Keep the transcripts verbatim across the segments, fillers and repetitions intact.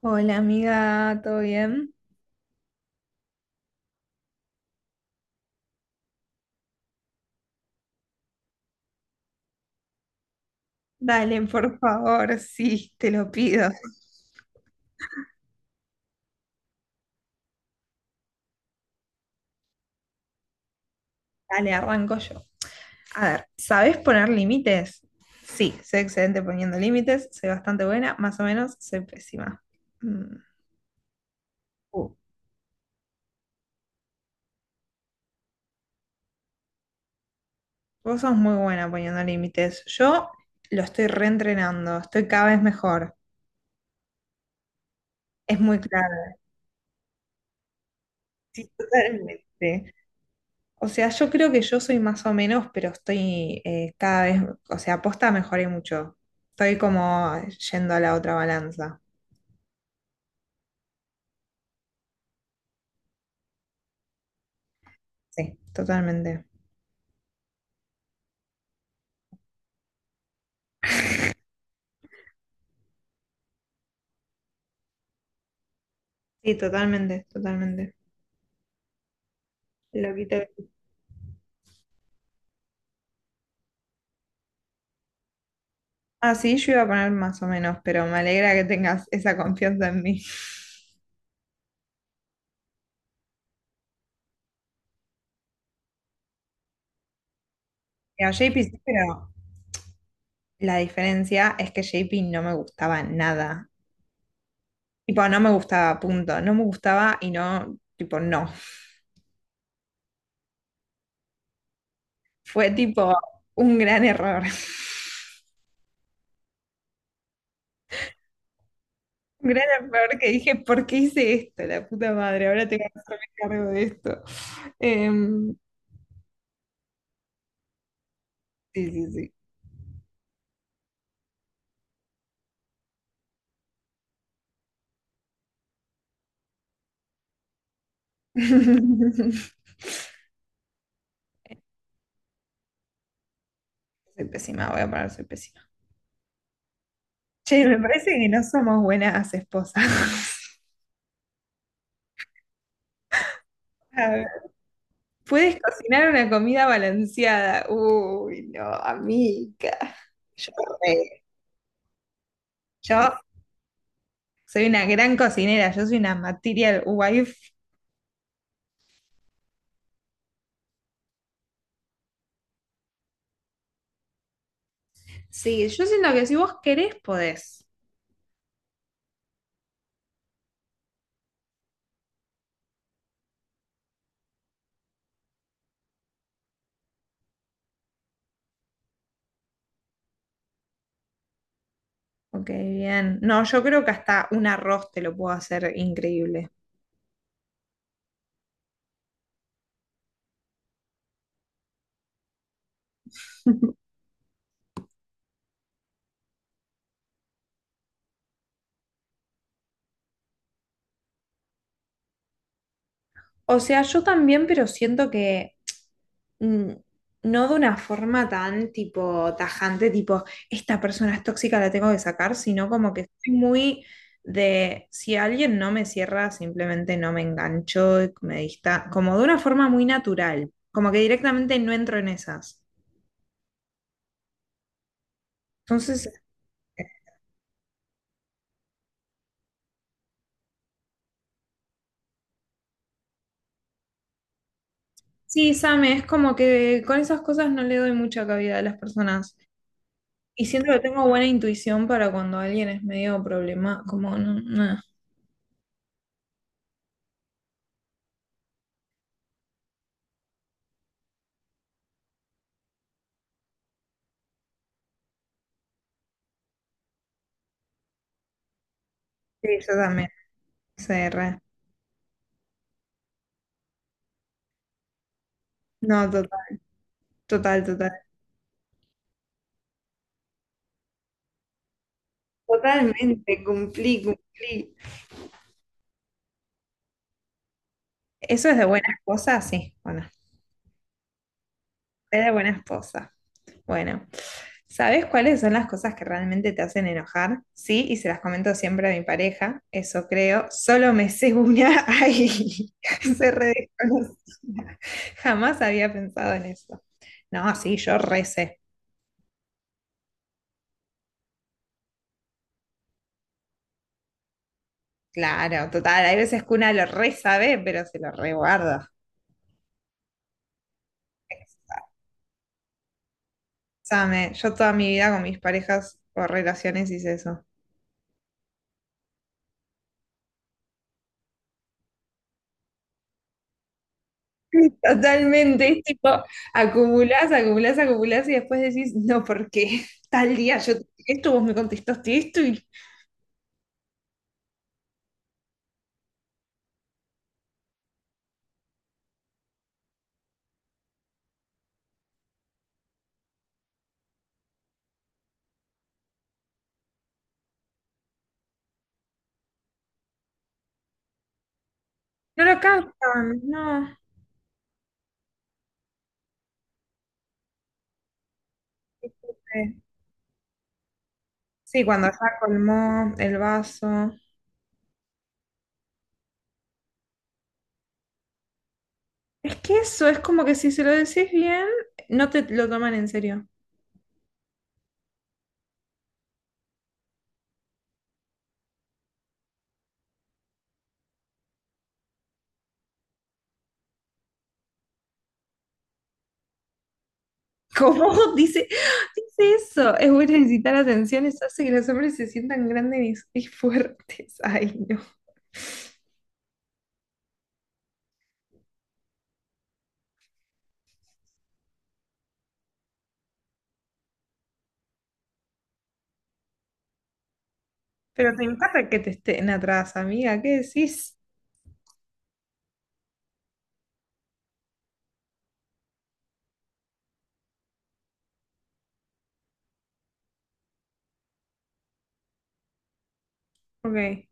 Hola amiga, ¿todo bien? Dale, por favor, sí, te lo pido. Dale, arranco yo. A ver, ¿sabes poner límites? Sí, soy excelente poniendo límites, soy bastante buena, más o menos, soy pésima. Mm, uh, vos sos muy buena poniendo límites. Yo lo estoy reentrenando, estoy cada vez mejor. Es muy claro. Sí, totalmente. O sea, yo creo que yo soy más o menos, pero estoy eh, cada vez, o sea, posta mejoré mucho. Estoy como yendo a la otra balanza. Sí, totalmente. Sí, totalmente, totalmente. Lo quité. Ah, sí, yo iba a poner más o menos, pero me alegra que tengas esa confianza en mí. A J P sí, pero la diferencia es que J P no me gustaba nada. Tipo, no me gustaba, punto. No me gustaba y no, tipo, no. Fue tipo un gran error. Un gran error que dije, ¿por qué hice esto? La puta madre, ahora tengo que hacerme cargo de esto. Em, sí, sí, sí. Soy pésima, voy a parar, soy pésima. Che, me parece que no somos buenas esposas. A ver, ¿puedes cocinar una comida balanceada? Uy, no, amiga. Yo, re- yo soy una gran cocinera, yo soy una material wife. Sí, yo siento que si vos querés, podés. Ok, bien. No, yo creo que hasta un arroz te lo puedo hacer increíble. O sea, yo también, pero siento que mm, no de una forma tan tipo tajante, tipo, esta persona es tóxica, la tengo que sacar, sino como que estoy muy de, si alguien no me cierra, simplemente no me engancho, y me dista, como de una forma muy natural, como que directamente no entro en esas. Entonces, sí, Same, es como que con esas cosas no le doy mucha cabida a las personas. Y siento que tengo buena intuición para cuando alguien es medio problema, como no, no. Sí, yo también, C R. No, total, total, total. Totalmente, cumplí, cumplí. Eso es de buena esposa, sí, bueno, es de buena esposa. Bueno, ¿sabes cuáles son las cosas que realmente te hacen enojar? Sí, y se las comento siempre a mi pareja, eso creo. Solo me sé una, ay, se re desconocida. Jamás había pensado en eso. No, sí, yo recé. Claro, total. Hay veces que una lo re sabe, pero se lo reguarda. Sabe, yo toda mi vida con mis parejas o relaciones hice eso. Totalmente, es tipo, acumulás, acumulás, acumulás y después decís, no, porque tal día yo te dije esto, vos me contestaste esto y no lo captan, no. Sí, cuando ya colmó el vaso. Es que eso, es como que si se lo decís bien, no te lo toman en serio. ¿Cómo dice, dice eso? Es bueno necesitar atención, eso hace que los hombres se sientan grandes y, y fuertes. Ay, no. Pero te encanta que te estén atrás, amiga, ¿qué decís? Ok,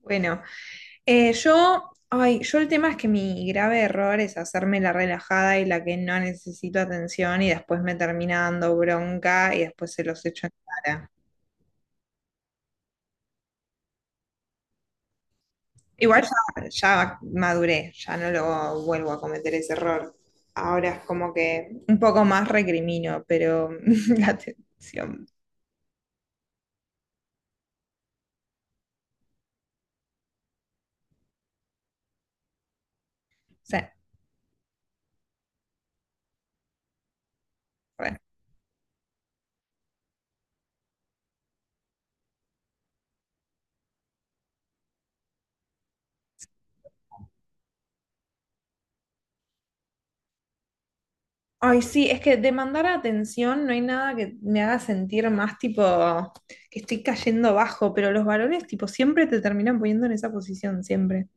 bueno. Eh, yo, ay, yo el tema es que mi grave error es hacerme la relajada y la que no necesito atención y después me termina dando bronca y después se los echo en cara. Igual ya, ya maduré, ya no lo vuelvo a cometer ese error. Ahora es como que un poco más recrimino, pero la atención. Sí, re. Ay, sí, es que demandar atención no hay nada que me haga sentir más tipo que estoy cayendo bajo, pero los varones tipo siempre te terminan poniendo en esa posición, siempre.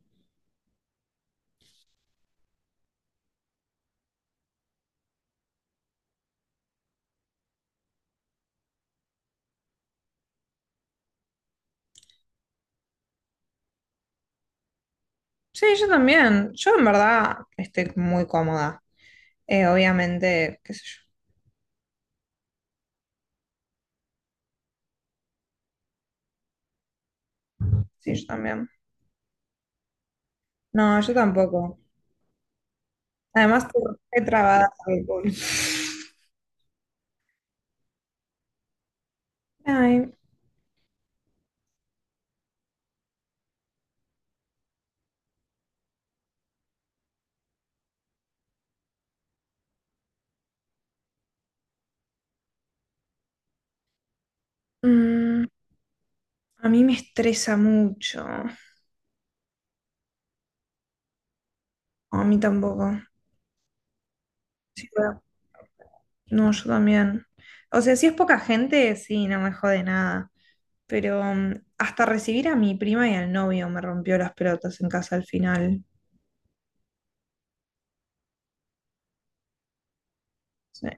Sí, yo también. Yo en verdad estoy muy cómoda. Eh, obviamente, qué sé yo. Sí, yo también. No, yo tampoco. Además, tú re trabada con alcohol. Ay, mm, a mí me estresa mucho. No, a mí tampoco. Sí, bueno, no, yo también. O sea, si es poca gente, sí, no me jode nada. Pero mm, hasta recibir a mi prima y al novio me rompió las pelotas en casa al final. Sí,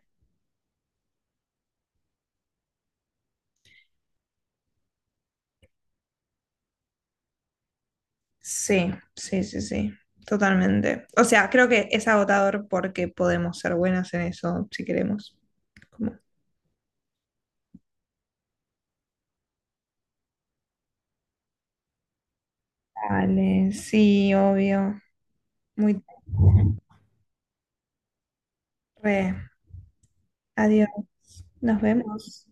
sí, sí, sí, sí, totalmente. O sea, creo que es agotador porque podemos ser buenas en eso si queremos. Como, dale, sí, obvio. Muy tarde. Adiós. Nos vemos.